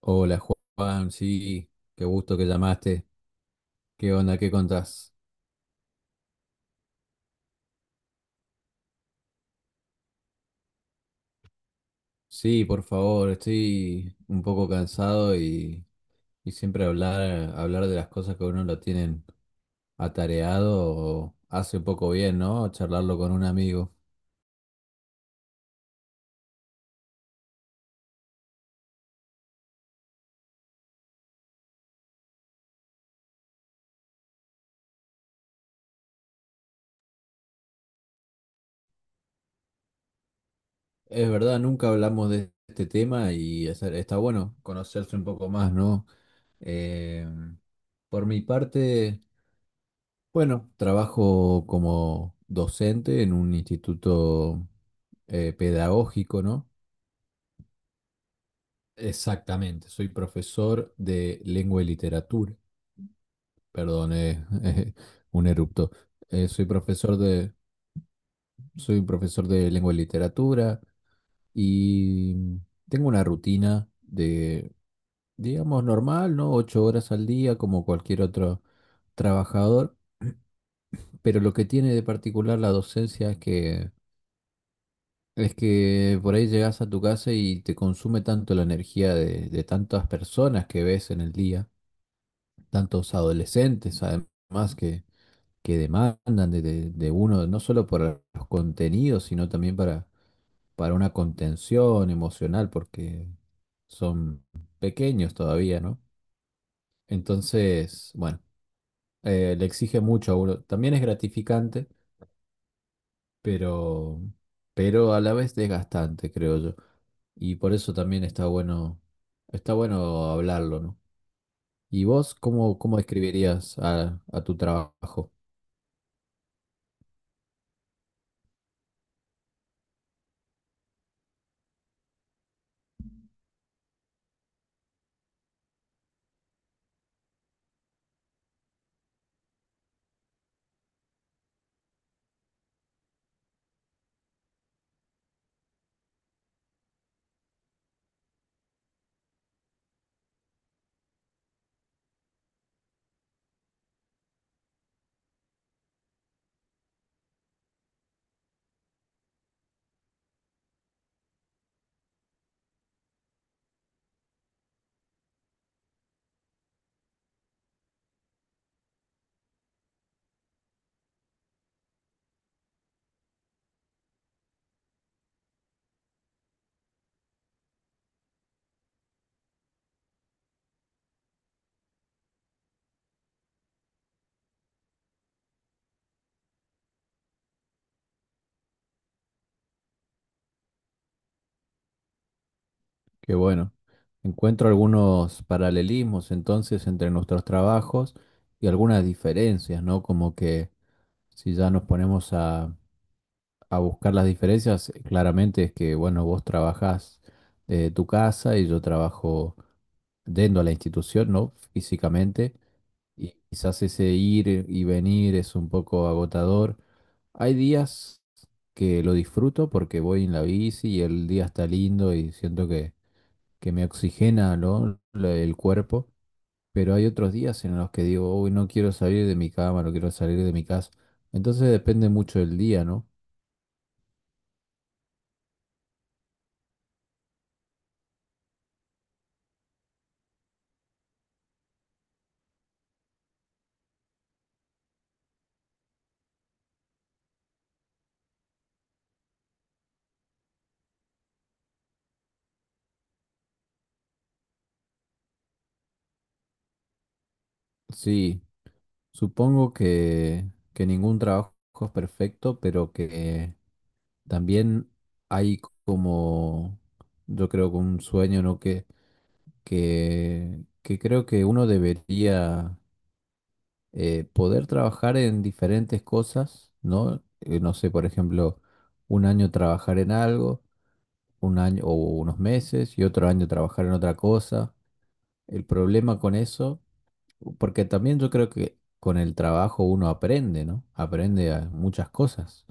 Hola Juan, sí, qué gusto que llamaste. ¿Qué onda? ¿Qué contás? Sí, por favor, estoy un poco cansado y siempre hablar de las cosas que a uno lo tienen atareado hace un poco bien, ¿no? Charlarlo con un amigo. Es verdad, nunca hablamos de este tema y está bueno conocerse un poco más, ¿no? Eh, por mi parte... Bueno, trabajo como docente en un instituto pedagógico, ¿no? Exactamente, soy profesor de lengua y literatura. Perdón, un erupto. Soy soy profesor de lengua y literatura y tengo una rutina de, digamos, normal, ¿no? Ocho horas al día, como cualquier otro trabajador. Pero lo que tiene de particular la docencia Es que por ahí llegas a tu casa y te consume tanto la energía de tantas personas que ves en el día, tantos adolescentes además que demandan de uno, no solo por los contenidos, sino también para una contención emocional, porque son pequeños todavía, ¿no? Entonces, bueno, le exige mucho a uno. También es gratificante pero, pero a la vez desgastante, creo yo. Y por eso también está bueno hablarlo, ¿no? ¿Y vos cómo, cómo describirías a tu trabajo? Qué bueno. Encuentro algunos paralelismos entonces entre nuestros trabajos y algunas diferencias, ¿no? Como que si ya nos ponemos a buscar las diferencias, claramente es que, bueno, vos trabajás de tu casa y yo trabajo dentro de la institución, ¿no? Físicamente, y quizás ese ir y venir es un poco agotador. Hay días que lo disfruto porque voy en la bici y el día está lindo y siento que me oxigena, ¿no? El cuerpo, pero hay otros días en los que digo, uy, no quiero salir de mi cama, no quiero salir de mi casa. Entonces depende mucho del día, ¿no? Sí, supongo que ningún trabajo es perfecto, pero que también hay como, yo creo que un sueño, ¿no? Que creo que uno debería poder trabajar en diferentes cosas, ¿no? No sé, por ejemplo, un año trabajar en algo, un año o unos meses y otro año trabajar en otra cosa. El problema con eso, porque también yo creo que con el trabajo uno aprende, ¿no? Aprende a muchas cosas.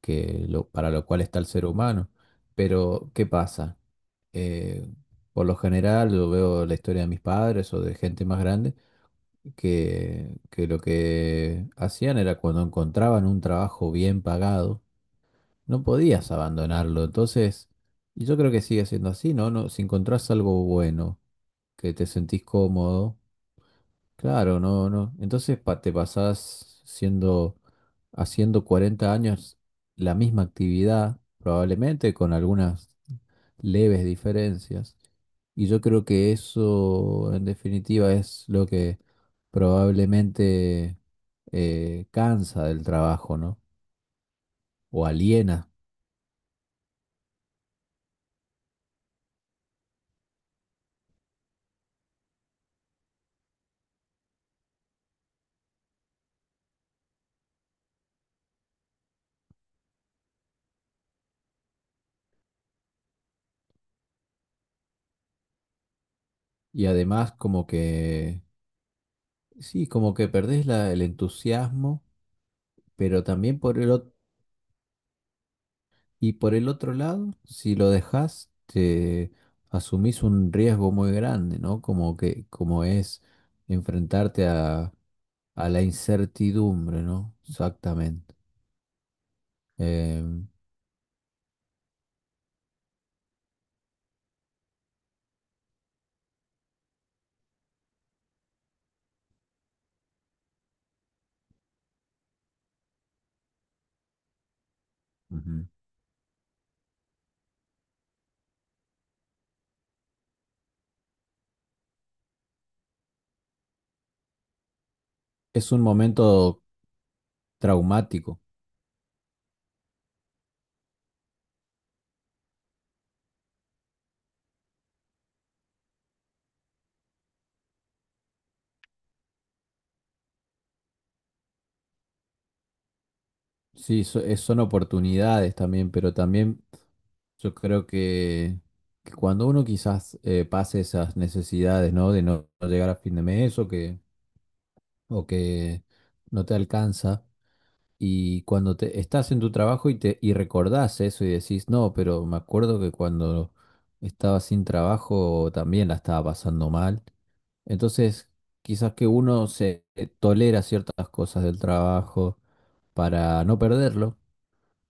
Para lo cual está el ser humano. Pero, ¿qué pasa? Eh, por lo general, yo veo la historia de mis padres o de gente más grande, que lo que hacían era cuando encontraban un trabajo bien pagado, no podías abandonarlo. Entonces, y yo creo que sigue siendo así, ¿no? No, si encontrás algo bueno, que te sentís cómodo, claro, no, no. Entonces te pasás siendo, haciendo 40 años la misma actividad, probablemente con algunas leves diferencias. Y yo creo que eso, en definitiva, es lo que probablemente cansa del trabajo, ¿no? O aliena. Y además como que, sí, como que perdés el entusiasmo, pero también y por el otro lado, si lo dejas, te asumís un riesgo muy grande, ¿no? Como como es enfrentarte a la incertidumbre, ¿no? Exactamente. Eh, Ujú. Es un momento traumático. Sí, son oportunidades también, pero también yo creo que cuando uno quizás pase esas necesidades, ¿no? De no no llegar a fin de mes o que no te alcanza. Y cuando estás en tu trabajo y y recordás eso y decís, no, pero me acuerdo que cuando estaba sin trabajo también la estaba pasando mal. Entonces, quizás que uno se tolera ciertas cosas del trabajo para no perderlo.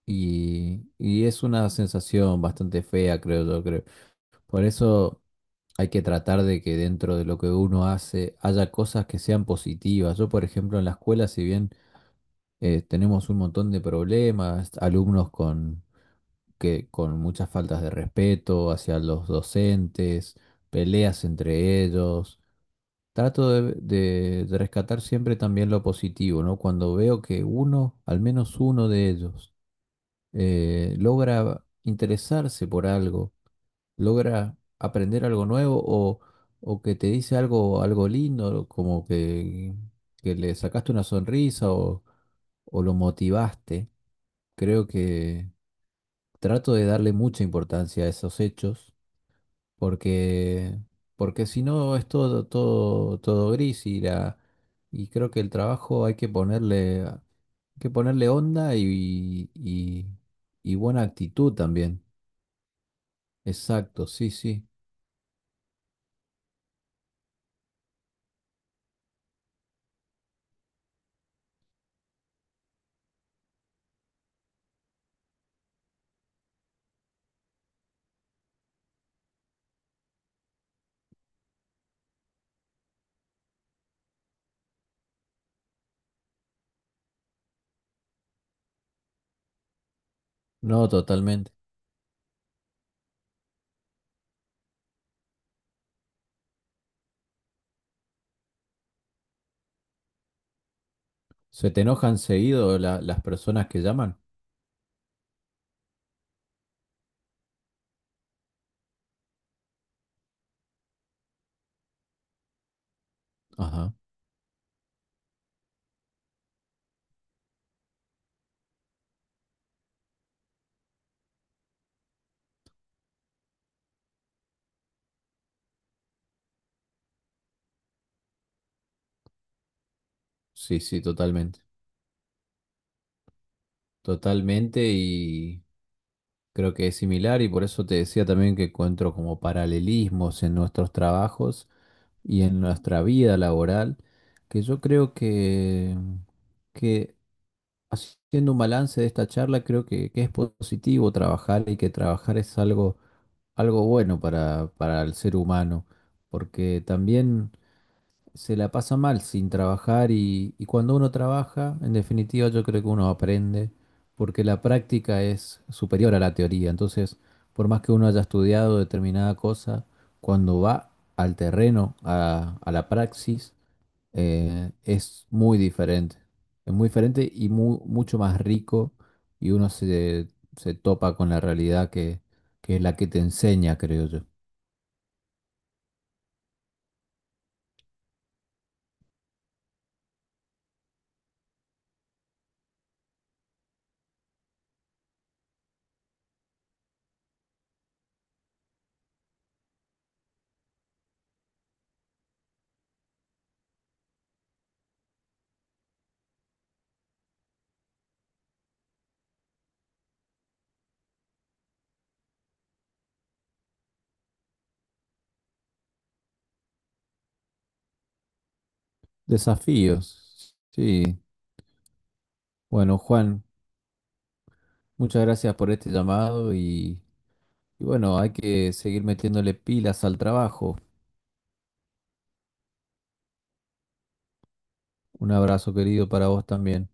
Y es una sensación bastante fea, creo yo, creo. Por eso hay que tratar de que dentro de lo que uno hace haya cosas que sean positivas. Yo, por ejemplo, en la escuela, si bien tenemos un montón de problemas, alumnos con muchas faltas de respeto hacia los docentes, peleas entre ellos. Trato de rescatar siempre también lo positivo, ¿no? Cuando veo que uno, al menos uno de ellos, logra interesarse por algo, logra aprender algo nuevo o que te dice algo, algo lindo, como que le sacaste una sonrisa o lo motivaste. Creo que trato de darle mucha importancia a esos hechos porque, porque si no es todo gris y creo que el trabajo hay que ponerle onda y buena actitud también. Exacto, sí, sí. No, totalmente. ¿Se te enojan seguido las personas que llaman? Ajá. Sí, sí, totalmente. Totalmente. Creo que es similar y por eso te decía también que encuentro como paralelismos en nuestros trabajos y en nuestra vida laboral, que yo creo que haciendo un balance de esta charla, creo que es positivo trabajar y que trabajar es algo, algo bueno para el ser humano, porque también se la pasa mal sin trabajar y cuando uno trabaja, en definitiva yo creo que uno aprende porque la práctica es superior a la teoría. Entonces, por más que uno haya estudiado determinada cosa, cuando va al terreno, a la praxis, es muy diferente. Es muy diferente y mucho más rico y uno se, se topa con la realidad que es la que te enseña, creo yo. Desafíos, sí. Bueno, Juan, muchas gracias por este llamado y bueno, hay que seguir metiéndole pilas al trabajo. Un abrazo querido para vos también.